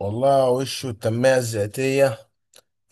والله وشه التنمية الذاتية.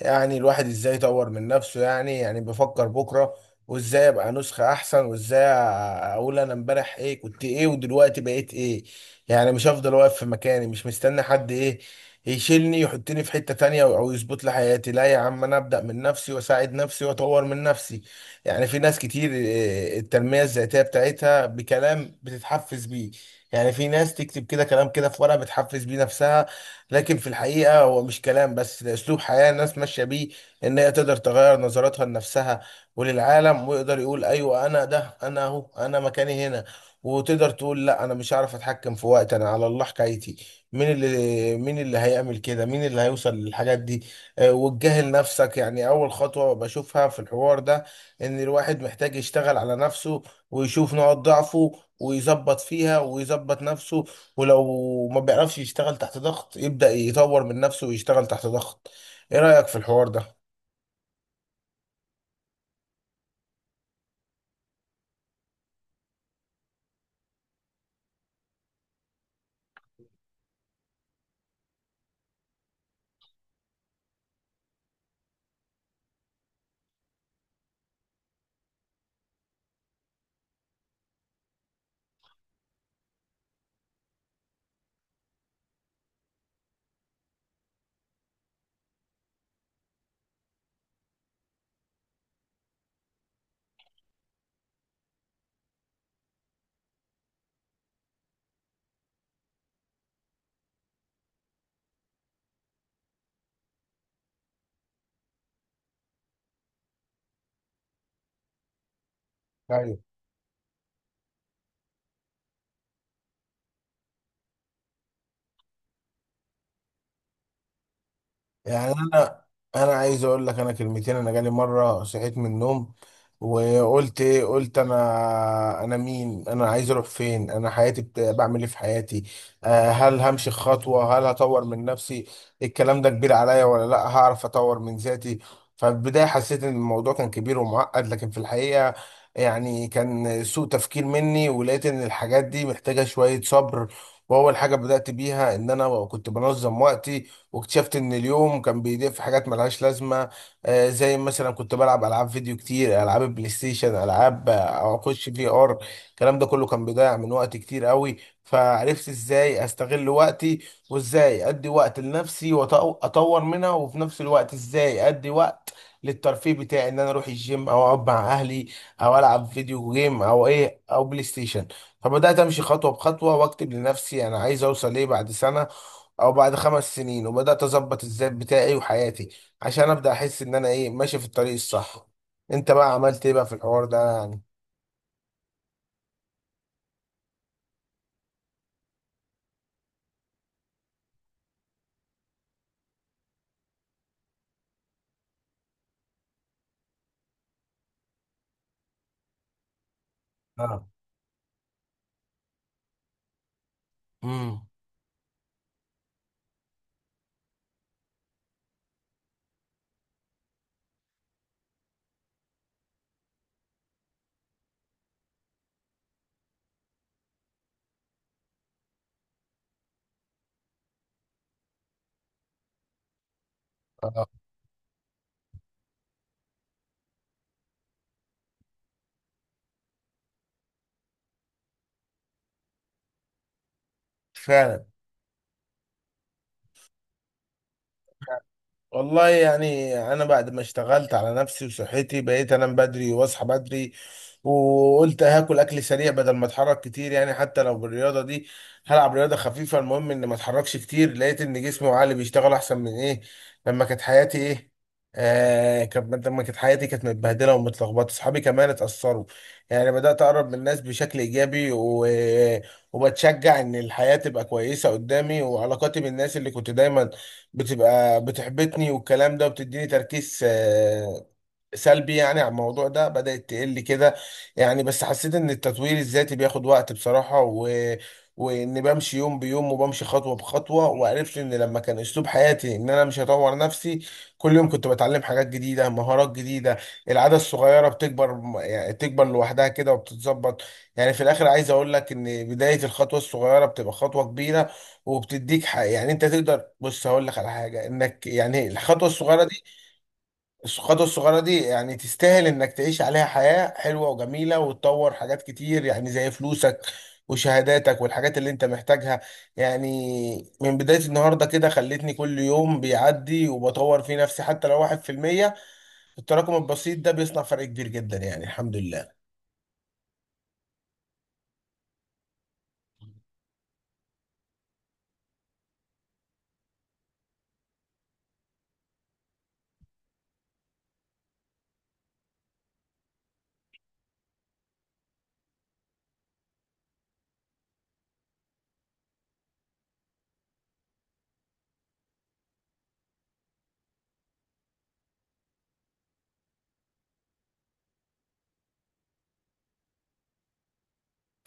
يعني الواحد ازاي يطور من نفسه، يعني بفكر بكرة وازاي ابقى نسخة احسن، وازاي اقول انا امبارح ايه كنت ايه ودلوقتي بقيت ايه. يعني مش هفضل واقف في مكاني مش مستني حد ايه يشيلني يحطني في حتة تانية او يظبط لي حياتي. لا يا عم، انا ابدأ من نفسي واساعد نفسي واطور من نفسي. يعني في ناس كتير إيه، التنمية الذاتية بتاعتها بكلام بتتحفز بيه. يعني في ناس تكتب كده كلام كده في ورقة بتحفز بيه نفسها. لكن في الحقيقة هو مش كلام بس، ده أسلوب حياة الناس ماشية بيه. إن هي تقدر تغير نظرتها لنفسها وللعالم، ويقدر يقول أيوة أنا ده، أنا أهو، أنا مكاني هنا. وتقدر تقول لا، أنا مش عارف أتحكم في وقت، أنا على الله حكايتي. مين اللي هيعمل كده، مين اللي هيوصل للحاجات دي؟ وتجاهل نفسك يعني أول خطوة بشوفها في الحوار ده. إن الواحد محتاج يشتغل على نفسه ويشوف نقاط ضعفه ويظبط فيها ويظبط نفسه. ولو ما بيعرفش يشتغل تحت ضغط يبدأ يطور من نفسه ويشتغل تحت ضغط. ايه رأيك في الحوار ده؟ ايوه. يعني انا عايز اقول لك انا كلمتين. انا جالي مره صحيت من النوم وقلت ايه؟ قلت انا مين؟ انا عايز اروح فين؟ انا حياتي بعمل ايه في حياتي؟ هل همشي خطوه؟ هل هطور من نفسي؟ الكلام ده كبير عليا ولا لا هعرف اطور من ذاتي؟ ففي البدايه حسيت ان الموضوع كان كبير ومعقد، لكن في الحقيقه يعني كان سوء تفكير مني، ولقيت ان الحاجات دي محتاجه شويه صبر. واول حاجه بدات بيها ان انا كنت بنظم وقتي، واكتشفت ان اليوم كان بيضيع في حاجات ملهاش لازمه. زي مثلا كنت بلعب العاب فيديو كتير، العاب بلاي ستيشن، العاب او اخش في ار. الكلام ده كله كان بيضيع من وقت كتير قوي. فعرفت ازاي استغل وقتي، وازاي ادي وقت لنفسي واطور منها، وفي نفس الوقت ازاي ادي وقت للترفيه بتاعي، ان انا اروح الجيم او اقعد مع اهلي او العب فيديو جيم او ايه او بلاي ستيشن. فبدات امشي خطوه بخطوه واكتب لنفسي انا عايز اوصل ايه بعد سنه او بعد خمس سنين، وبدات اظبط الذات بتاعي وحياتي عشان ابدا احس ان انا ايه ماشي في الطريق الصح. انت بقى عملت ايه بقى في الحوار ده يعني؟ اه. امم. فعلا. والله يعني انا بعد ما اشتغلت على نفسي وصحتي، بقيت انام بدري واصحى بدري. وقلت هاكل اكل سريع بدل ما اتحرك كتير، يعني حتى لو بالرياضه دي هلعب رياضه خفيفه، المهم اني ما اتحركش كتير. لقيت ان جسمي وعقلي بيشتغل احسن من ايه لما كانت حياتي ايه. آه كانت لما كانت حياتي كانت متبهدله ومتلخبطه، اصحابي كمان اتاثروا. يعني بدات اقرب من الناس بشكل ايجابي، وبتشجع ان الحياه تبقى كويسه قدامي. وعلاقاتي بالناس اللي كنت دايما بتبقى بتحبطني والكلام ده، وبتديني تركيز سلبي، يعني على الموضوع ده بدأت تقل كده. يعني بس حسيت ان التطوير الذاتي بياخد وقت بصراحة، وان بمشي يوم بيوم وبمشي خطوة بخطوة. وعرفت ان لما كان اسلوب حياتي ان انا مش هطور نفسي، كل يوم كنت بتعلم حاجات جديدة، مهارات جديدة. العادة الصغيرة بتكبر، يعني تكبر لوحدها كده وبتتظبط. يعني في الاخر عايز اقول لك ان بداية الخطوة الصغيرة بتبقى خطوة كبيرة. وبتديك حق، يعني انت تقدر. بص هقول لك على حاجة، انك يعني الخطوة الصغيرة دي يعني تستاهل انك تعيش عليها حياة حلوة وجميلة وتطور حاجات كتير، يعني زي فلوسك وشهاداتك والحاجات اللي انت محتاجها. يعني من بداية النهاردة كده، خلتني كل يوم بيعدي وبطور في نفسي حتى لو 1%. التراكم البسيط ده بيصنع فرق كبير جدا، يعني الحمد لله.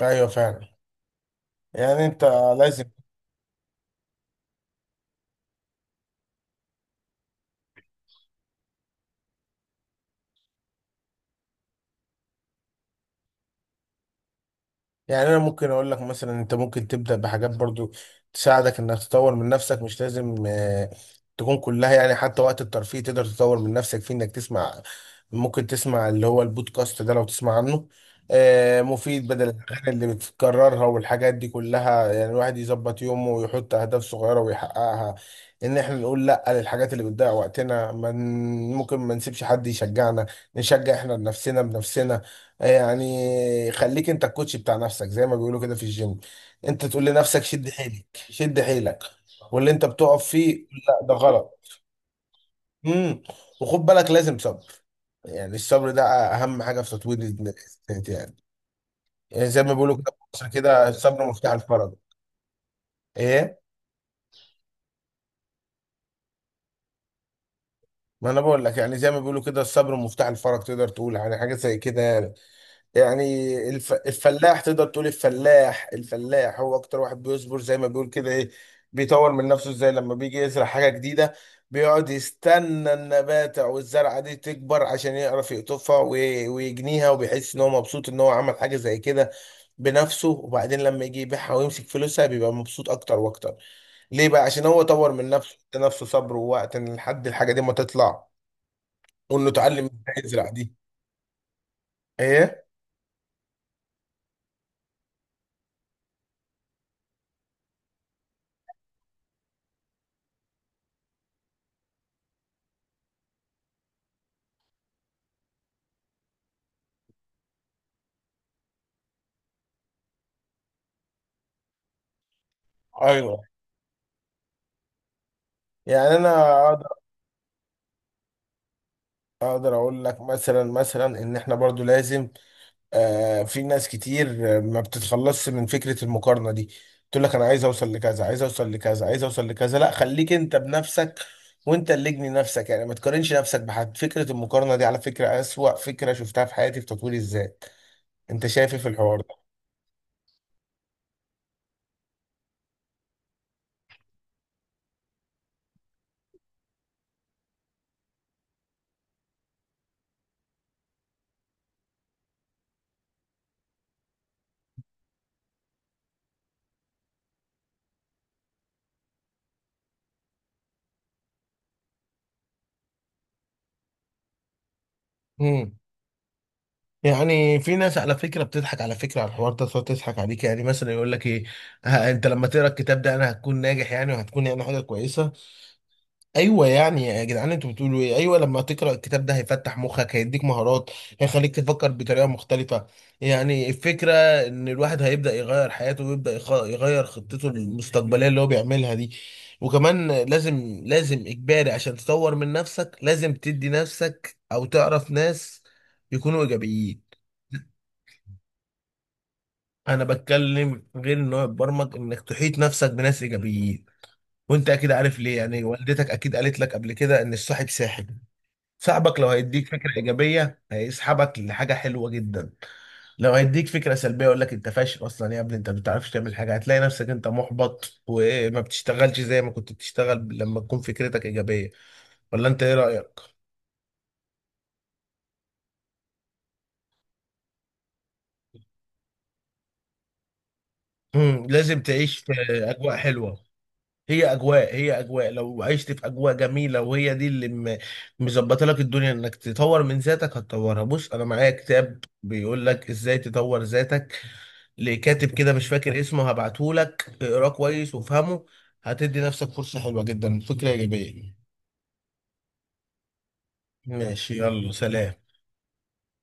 ايوه فعلا. يعني انت لازم. يعني انا ممكن اقول لك مثلا انت ممكن تبدا بحاجات برضو تساعدك انك تطور من نفسك، مش لازم تكون كلها. يعني حتى وقت الترفيه تقدر تطور من نفسك فيه، انك تسمع، ممكن تسمع اللي هو البودكاست ده لو تسمع عنه، مفيد بدل الاغاني اللي بتكررها والحاجات دي كلها. يعني الواحد يظبط يومه ويحط اهداف صغيره ويحققها. ان احنا نقول لا للحاجات اللي بتضيع وقتنا. ممكن ما نسيبش حد يشجعنا، نشجع احنا بنفسنا بنفسنا. يعني خليك انت الكوتش بتاع نفسك، زي ما بيقولوا كده في الجيم، انت تقول لنفسك شد حيلك، شد حيلك. واللي انت بتقف فيه لا ده غلط. امم. وخد بالك لازم صبر. يعني الصبر ده اهم حاجه في تطوير الذات. يعني. يعني زي ما بيقولوا كده في مصر كده، الصبر مفتاح الفرج. ايه. ما انا بقول لك، يعني زي ما بيقولوا كده الصبر مفتاح الفرج، تقدر تقول يعني حاجه زي كده يعني. يعني الفلاح، تقدر تقول الفلاح، الفلاح هو اكتر واحد بيصبر زي ما بيقول كده. ايه؟ بيطور من نفسه ازاي لما بيجي يزرع حاجة جديدة؟ بيقعد يستنى النبات او الزرعة دي تكبر عشان يعرف يقطفها ويجنيها، وبيحس ان هو مبسوط ان هو عمل حاجة زي كده بنفسه. وبعدين لما يجي يبيعها ويمسك فلوسها بيبقى مبسوط اكتر واكتر. ليه بقى؟ عشان هو طور من نفسه، ادى نفسه صبر ووقت إن لحد الحاجة دي ما تطلع، وانه اتعلم ازاي يزرع دي. ايه. ايوه يعني انا اقدر اقول لك مثلا ان احنا برضو لازم. في ناس كتير ما بتتخلصش من فكرة المقارنة دي. تقول لك انا عايز اوصل لكذا، عايز اوصل لكذا، عايز اوصل لكذا. لا، خليك انت بنفسك، وانت اللي اجني نفسك، يعني ما تقارنش نفسك بحد. فكرة المقارنة دي على فكرة اسوأ فكرة شفتها في حياتي في تطوير الذات. انت شايف إيه في الحوار ده؟ امم. يعني في ناس على فكره بتضحك على فكره على الحوار ده، تقعد تضحك عليك، يعني مثلا يقول لك ايه؟ ها، انت لما تقرا الكتاب ده انا هتكون ناجح يعني وهتكون يعني حاجه كويسه؟ ايوه يعني يا جدعان انتوا بتقولوا ايه؟ ايوه، لما تقرا الكتاب ده هيفتح مخك، هيديك مهارات، هيخليك تفكر بطريقه مختلفه. يعني الفكره ان الواحد هيبدا يغير حياته، ويبدا يغير خطته المستقبليه اللي هو بيعملها دي. وكمان لازم، لازم اجباري عشان تطور من نفسك لازم تدي نفسك او تعرف ناس يكونوا ايجابيين. انا بتكلم غير ان هو يتبرمج، انك تحيط نفسك بناس ايجابيين. وانت اكيد عارف ليه، يعني والدتك اكيد قالت لك قبل كده ان الصاحب ساحب. صاحبك لو هيديك فكرة إيجابية هيسحبك لحاجة حلوة جدا. لو هيديك فكرة سلبية يقول لك أنت فاشل أصلا يا ابني، أنت ما بتعرفش تعمل حاجة، هتلاقي نفسك أنت محبط وما بتشتغلش زي ما كنت بتشتغل لما تكون فكرتك إيجابية. ولا أنت إيه رأيك؟ مم. لازم تعيش في أجواء حلوة. هي أجواء لو عشت في أجواء جميلة وهي دي اللي مظبطة لك الدنيا إنك تطور من ذاتك هتطورها. بص أنا معايا كتاب بيقول لك إزاي تطور ذاتك لكاتب كده مش فاكر اسمه، هبعتهولك اقراه كويس وافهمه، هتدي نفسك فرصة حلوة جدا فكرة إيجابية. ماشي، يلا سلام.